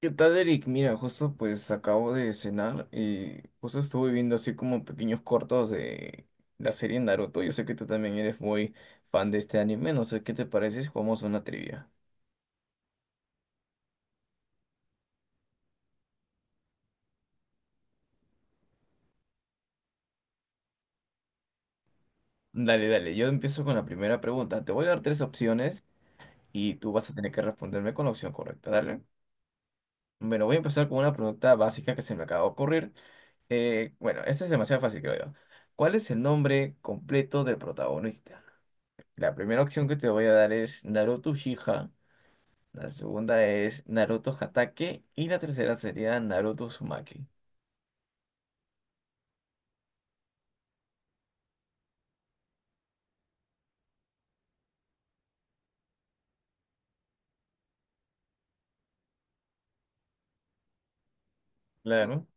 ¿Qué tal, Eric? Mira, justo pues acabo de cenar y justo estuve viendo así como pequeños cortos de la serie Naruto. Yo sé que tú también eres muy fan de este anime, no sé qué te parece si jugamos una trivia. Dale, dale, yo empiezo con la primera pregunta. Te voy a dar tres opciones y tú vas a tener que responderme con la opción correcta, dale. Bueno, voy a empezar con una pregunta básica que se me acaba de ocurrir. Bueno, esta es demasiado fácil, creo yo. ¿Cuál es el nombre completo del protagonista? La primera opción que te voy a dar es Naruto Uchiha. La segunda es Naruto Hatake y la tercera sería Naruto Uzumaki. Claro,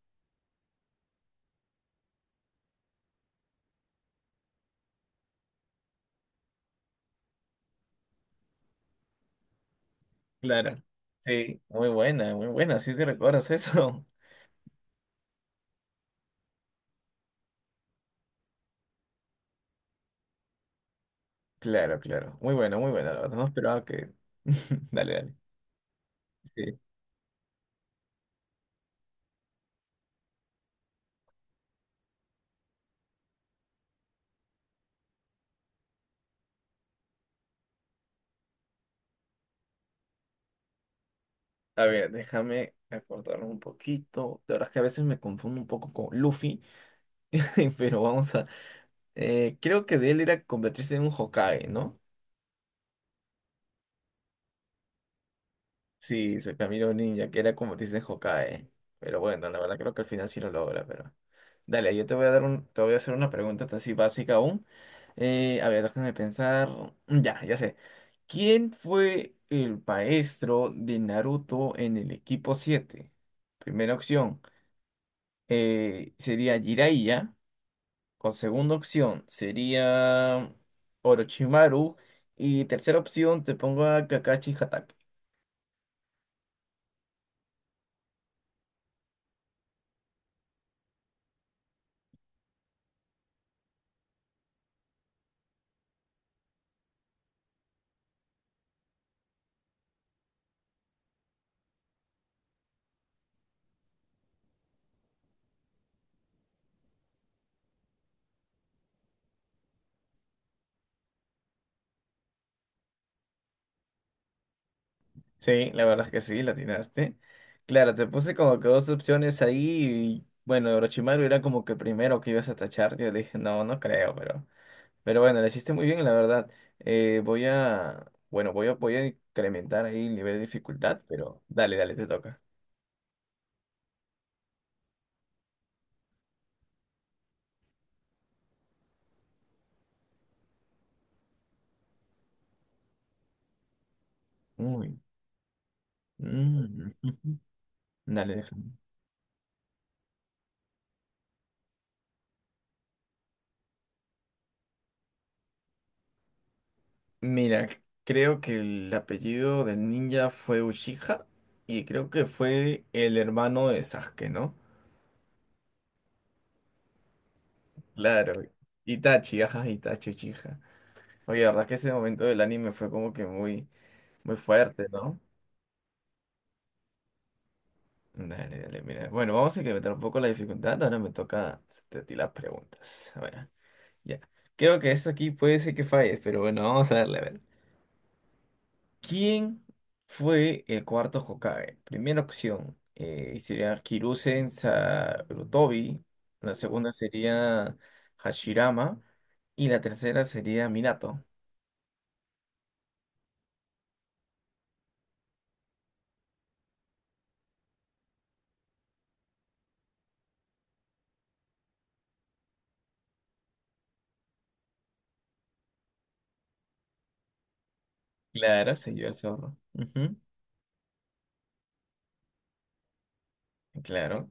claro. Sí. Muy buena, sí te recuerdas eso. Claro, claro. Muy bueno, muy buena, la verdad. No esperaba que. Dale, dale. Sí. A ver, déjame acordarme un poquito. La verdad es que a veces me confundo un poco con Luffy, pero vamos a. Creo que de él era convertirse en un Hokage, ¿no? Sí, se Camilo Ninja, que era como te dicen Hokage. Pero bueno, la verdad creo que al final sí lo logra, pero. Dale, yo te voy a hacer una pregunta así básica aún. A ver, déjame pensar. Ya, ya sé. ¿Quién fue el maestro de Naruto en el equipo 7? Primera opción sería Jiraiya. Con segunda opción sería Orochimaru. Y tercera opción te pongo a Kakashi Hatake. Sí, la verdad es que sí, la atinaste. Claro, te puse como que dos opciones ahí y bueno, Orochimaru era como que primero que ibas a tachar. Yo le dije, no, no creo, pero bueno, lo hiciste muy bien, la verdad. Voy a, bueno, voy a incrementar ahí el nivel de dificultad, pero dale, dale, te toca. Uy. Mm, Dale, déjame. Mira, creo que el apellido del ninja fue Uchiha y creo que fue el hermano de Sasuke, ¿no? Claro, Itachi, ajá, Itachi Uchiha. Oye, la verdad es que ese momento del anime fue como que muy, muy fuerte, ¿no? Dale, dale, mira. Bueno, vamos a incrementar un poco la dificultad. Ahora me toca hacerte a ti las preguntas. A ver, ya. Creo que esto aquí puede ser que falles, pero bueno, vamos a darle a ver. ¿Quién fue el cuarto Hokage? Primera opción sería Hiruzen Sarutobi. La segunda sería Hashirama. Y la tercera sería Minato. Claro, se llevó al zorro. Ujú. Claro,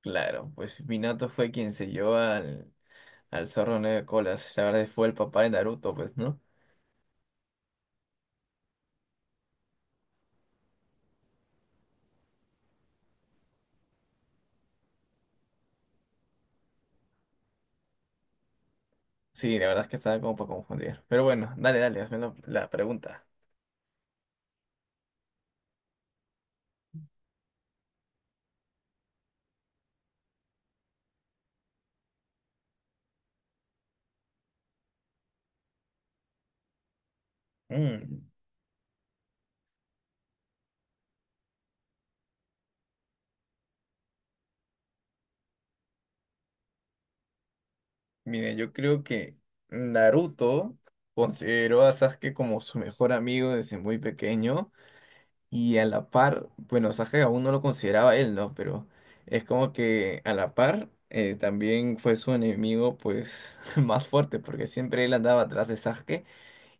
claro. Pues Minato fue quien se llevó al zorro nueve colas. La verdad fue el papá de Naruto, pues, ¿no? Sí, la verdad es que estaba como para confundir. Pero bueno, dale, dale, hazme la pregunta. Mm, Mire, yo creo que Naruto consideró a Sasuke como su mejor amigo desde muy pequeño. Y a la par, bueno, Saje aún no lo consideraba él, ¿no? Pero es como que a la par también fue su enemigo, pues, más fuerte, porque siempre él andaba atrás de Sasuke.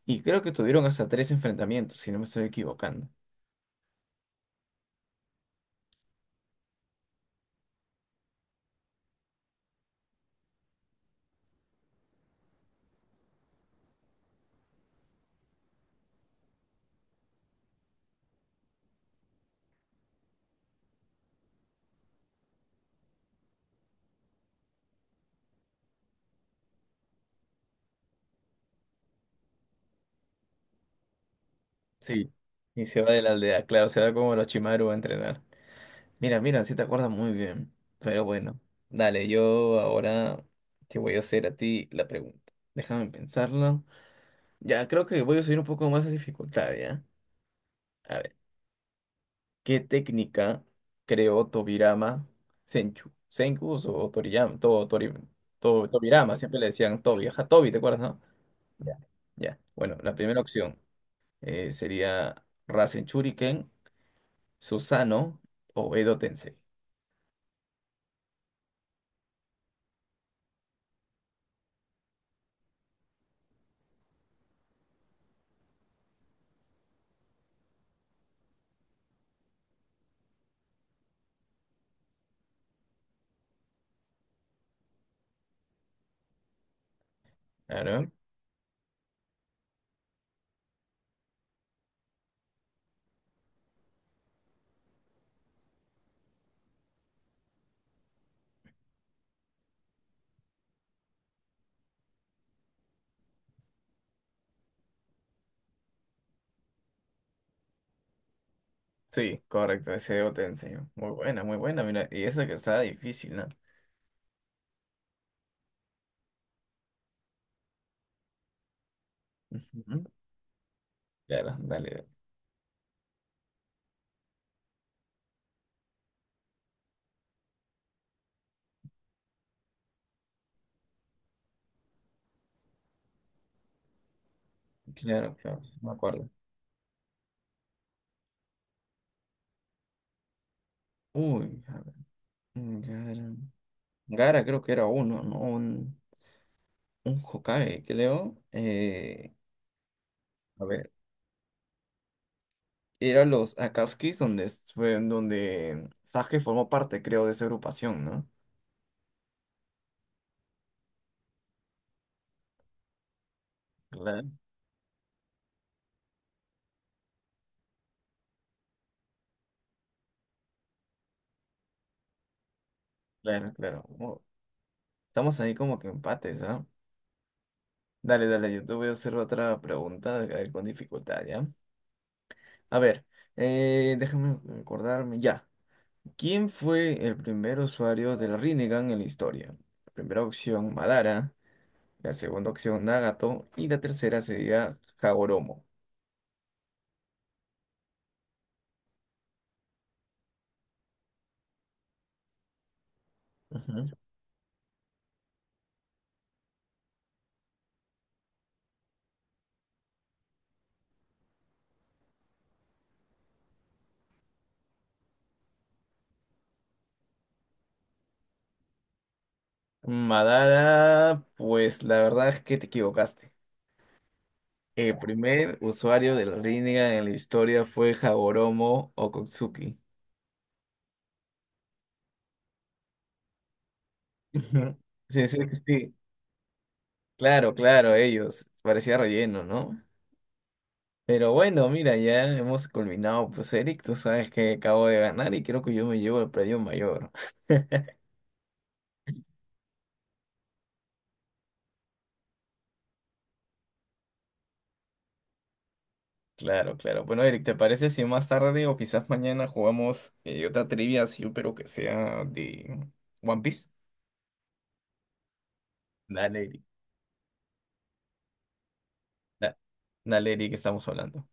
Y creo que tuvieron hasta tres enfrentamientos, si no me estoy equivocando. Sí. Y se va de la aldea, claro, se va como Orochimaru a entrenar. Mira, mira, sí te acuerdas muy bien. Pero bueno, dale, yo ahora te voy a hacer a ti la pregunta. Déjame pensarlo. Ya, creo que voy a subir un poco más la dificultad, ¿ya? A ver. ¿Qué técnica creó Tobirama Senchu? Senku o Toriyama, todo, Tobirama, siempre le decían Tobi. Ajá, Tobi, ¿te acuerdas, no? Ya. Ya. Bueno, la primera opción sería Rasen Shuriken, Susanoo o Edo Tensei. Claro. Sí, correcto, ese Edo Tensei. Muy buena, mira. Y eso que está difícil, ¿no? Ujú. Claro, dale. Dale. Claro, claro, me acuerdo. Uy, a ver, Gara. Gara creo que era uno, ¿no? Un Hokage, creo. A ver, era los Akatsuki donde fue en donde Sasuke formó parte, creo, de esa agrupación, ¿no? Claro, claro, claro. Oh, estamos ahí como que empates, ¿ah? Dale, dale, yo te voy a hacer otra pregunta, a ver, con dificultad, ¿ya? A ver, déjame acordarme, ya. ¿Quién fue el primer usuario del Rinnegan en la historia? La primera opción, Madara. La segunda opción, Nagato. Y la tercera sería Hagoromo. Madara, pues la verdad es que te equivocaste. El primer usuario del Rinnegan en la historia fue Hagoromo Okatsuki. Ujú. Sí, sí, sí. Claro, claro, ellos. Parecía relleno, ¿no? Pero bueno, mira, ya hemos culminado. Pues Eric, tú sabes que acabo de ganar y creo que yo me llevo el premio mayor. Claro, claro. Bueno, Eric, ¿te parece si más tarde o quizás mañana jugamos otra trivia así, pero que sea de One Piece? Dale, Eric. Da- Dale, Eric, que estamos hablando.